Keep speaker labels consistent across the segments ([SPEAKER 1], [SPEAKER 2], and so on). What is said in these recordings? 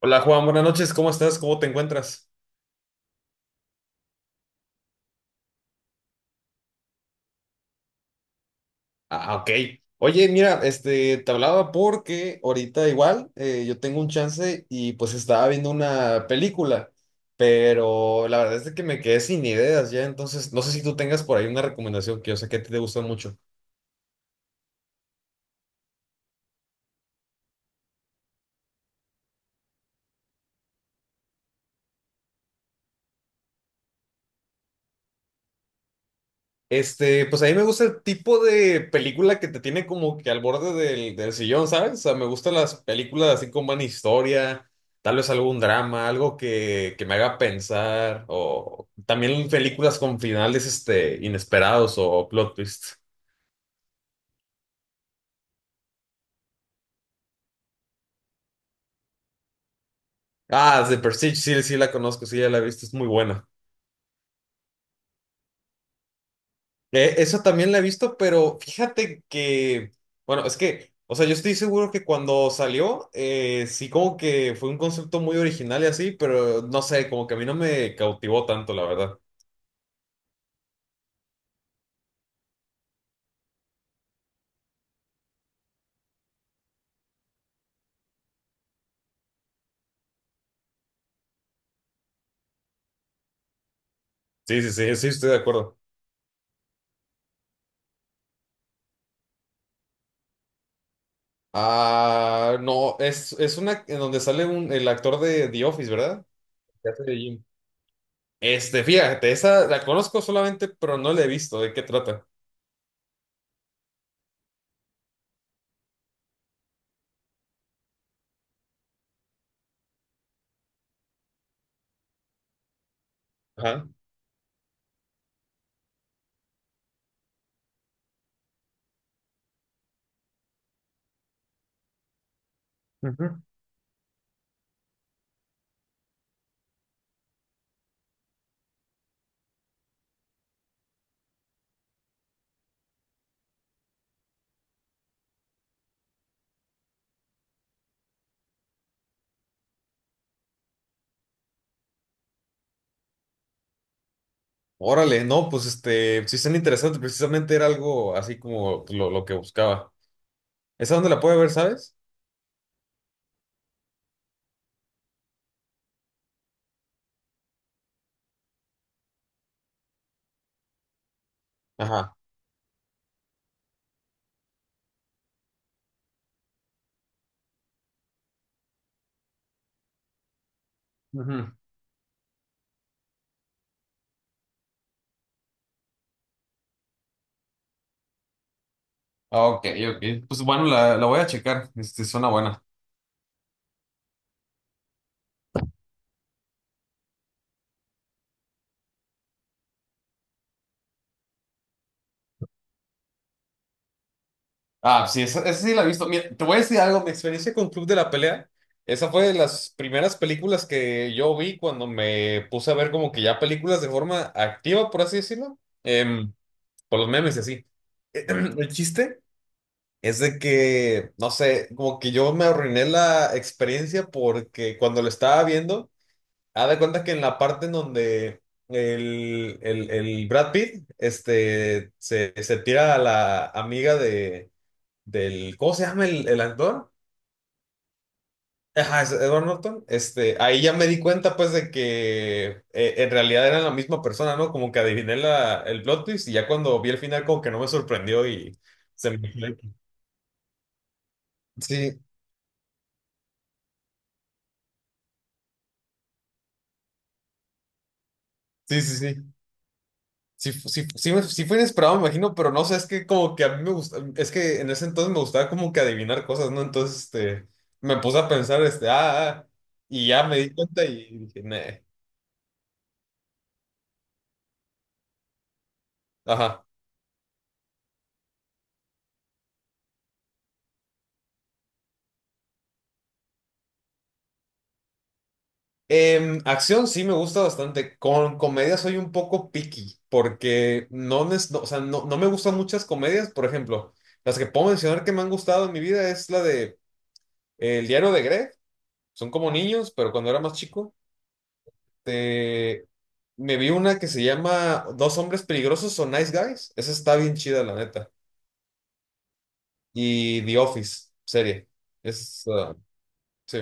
[SPEAKER 1] Hola Juan, buenas noches, ¿cómo estás? ¿Cómo te encuentras? Ah, ok. Oye, mira, te hablaba porque ahorita igual yo tengo un chance y pues estaba viendo una película, pero la verdad es de que me quedé sin ideas ya, entonces no sé si tú tengas por ahí una recomendación que yo sé que a ti te gusta mucho. Este, pues a mí me gusta el tipo de película que te tiene como que al borde del sillón, ¿sabes? O sea, me gustan las películas así con buena historia, tal vez algún drama, algo que me haga pensar, o también películas con finales, este, inesperados o plot twist. Ah, The Prestige, sí, sí la conozco, sí, ya la he visto, es muy buena. Esa también la he visto, pero fíjate que, bueno, es que, o sea, yo estoy seguro que cuando salió, sí como que fue un concepto muy original y así, pero no sé, como que a mí no me cautivó tanto, la verdad. Sí, sí, sí, sí, estoy de acuerdo. Ah, no, es una en donde sale un, el actor de The Office, ¿verdad? Que hace de Jim. Este, fíjate, esa la conozco solamente, pero no la he visto. ¿De qué trata? Ajá. Órale, no, pues este, sí están interesantes, precisamente era algo así como lo que buscaba. ¿Esa dónde la puede ver, sabes? Ajá. Ujú. Ah, ok, ok. Pues bueno, la voy a checar. Este, suena buena. Ah, sí, esa sí la he visto. Mira, te voy a decir algo, mi experiencia con Club de la Pelea, esa fue de las primeras películas que yo vi cuando me puse a ver como que ya películas de forma activa, por así decirlo, por los memes y así. El chiste es de que, no sé, como que yo me arruiné la experiencia porque cuando lo estaba viendo, haz de cuenta que en la parte en donde el Brad Pitt este, se tira a la amiga de, del, ¿cómo se llama el actor? Ajá, es Edward Norton. Este, ahí ya me di cuenta pues de que en realidad eran la misma persona, ¿no? Como que adiviné el plot twist y ya cuando vi el final como que no me sorprendió y se me... Sí, sí, sí, sí. Sí fue inesperado, me imagino, pero no sé, es que como que a mí me gusta, es que en ese entonces me gustaba como que adivinar cosas, ¿no? Entonces, este, me puse a pensar, y ya me di cuenta y dije, "Neh". Ajá. Acción sí me gusta bastante, con comedia soy un poco picky, porque no, o sea, no me gustan muchas comedias, por ejemplo, las que puedo mencionar que me han gustado en mi vida es la de El diario de Greg, son como niños, pero cuando era más chico, me vi una que se llama Dos hombres peligrosos o Nice Guys. Esa está bien chida, la neta. Y The Office, serie. Es, ah, sí,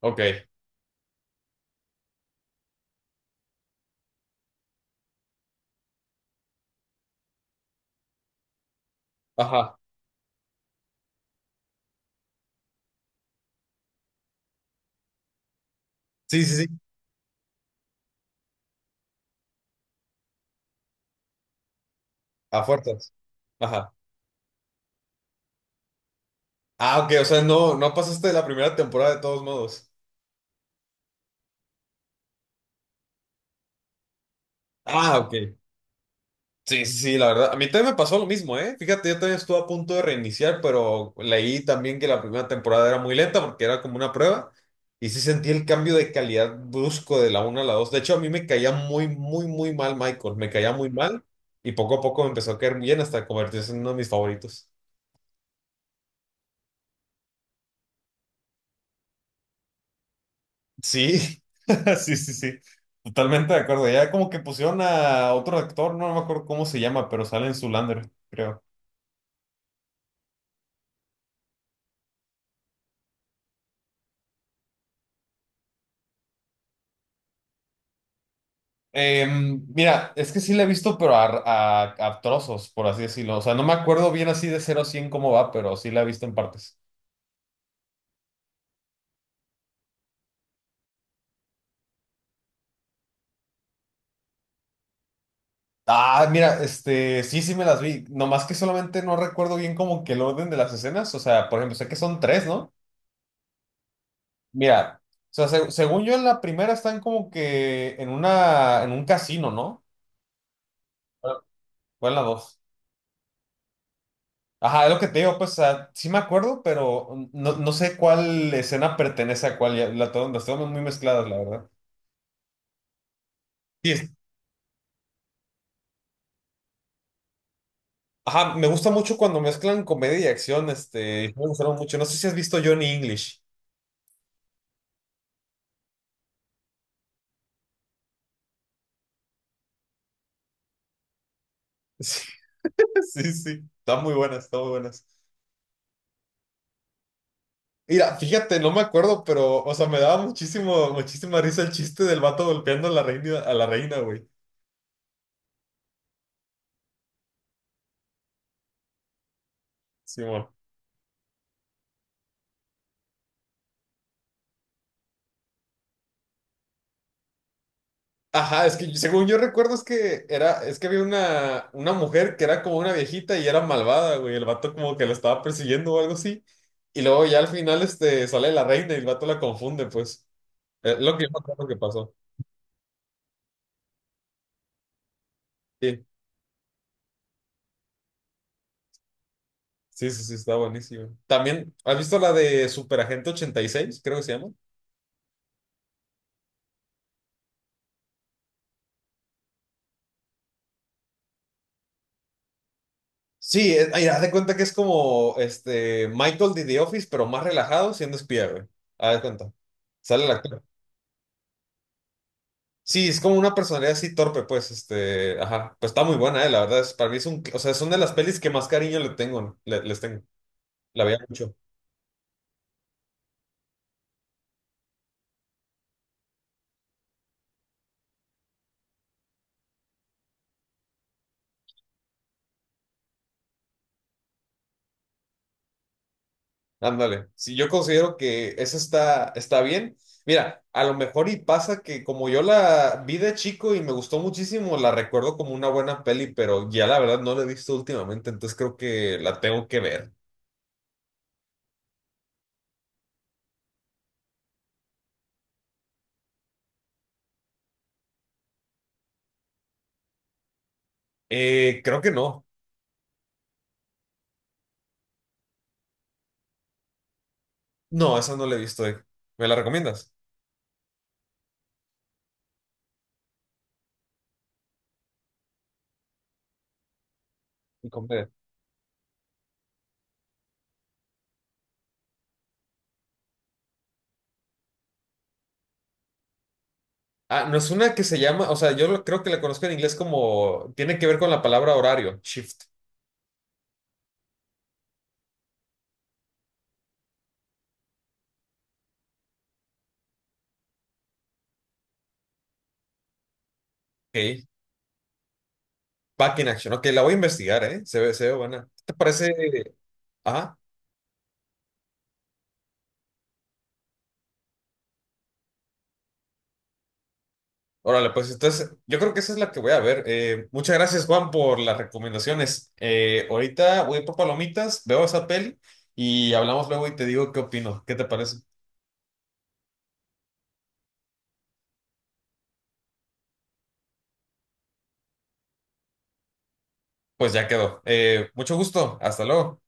[SPEAKER 1] ok. Ajá. Sí, sí, sí. A fuerzas. Ajá. Ah, ok, o sea, no, no pasaste la primera temporada de todos modos. Ah, ok. Sí, sí, sí, la verdad. A mí también me pasó lo mismo, ¿eh? Fíjate, yo también estuve a punto de reiniciar, pero leí también que la primera temporada era muy lenta porque era como una prueba. Y sí sentí el cambio de calidad brusco de la 1 a la 2. De hecho, a mí me caía muy, muy, muy mal Michael. Me caía muy mal y poco a poco me empezó a caer bien hasta convertirse en uno de mis favoritos. Sí, sí, sí, sí. Totalmente de acuerdo. Ya como que pusieron a otro actor, no me acuerdo cómo se llama, pero sale en Zoolander, creo. Mira, es que sí la he visto, pero a trozos, por así decirlo. O sea, no me acuerdo bien así de cero a 100 cómo va, pero sí la he visto en partes. Ah, mira, este, sí, sí me las vi. Nomás que solamente no recuerdo bien como que el orden de las escenas. O sea, por ejemplo, sé que son tres, ¿no? Mira, o sea, según yo en la primera están como que en una, en un casino, ¿no? ¿Cuál la dos? Ajá, es lo que te digo, pues, o sea, sí me acuerdo, pero no, no sé cuál escena pertenece a cuál. Las tengo muy mezcladas, la verdad. Sí, ajá, me gusta mucho cuando mezclan comedia y acción, este, me gustaron mucho. No sé si has visto Johnny English. Sí, sí, sí, están muy buenas, están muy buenas. Mira, fíjate, no me acuerdo, pero, o sea, me daba muchísimo, muchísima risa el chiste del vato golpeando a la reina, güey. Simón. Ajá, es que según yo recuerdo es que había una mujer que era como una viejita y era malvada, güey. El vato como que la estaba persiguiendo o algo así. Y luego ya al final, este, sale la reina y el vato la confunde, pues. Lo que yo me acuerdo que pasó. Sí. Sí, sí, sí, está buenísimo. También, ¿has visto la de Superagente 86, creo que se llama? Sí, ay, haz de cuenta que es como este Michael de The Office, pero más relajado siendo espía, güey. Haz de cuenta. Sale el actor. Sí, es como una personalidad así torpe, pues, este, ajá. Pues está muy buena, la verdad. Es, para mí es un, o sea, son de las pelis que más cariño le tengo, ¿no? Les tengo. La veía mucho. Ándale, si yo considero que esa está bien. Mira, a lo mejor y pasa que como yo la vi de chico y me gustó muchísimo, la recuerdo como una buena peli, pero ya la verdad no la he visto últimamente, entonces creo que la tengo que ver. Creo que no. No, esa no la he visto. Eh. ¿Me la recomiendas? Y comedia. Ah, no es una que se llama, o sea, creo que la conozco en inglés como, tiene que ver con la palabra horario, shift. Ok, back in action. Ok, la voy a investigar, ¿eh? Se ve buena. ¿Qué te parece? Ajá. Órale, pues entonces yo creo que esa es la que voy a ver. Muchas gracias, Juan, por las recomendaciones. Ahorita voy por palomitas, veo esa peli y hablamos luego y te digo qué opino. ¿Qué te parece? Pues ya quedó. Mucho gusto. Hasta luego.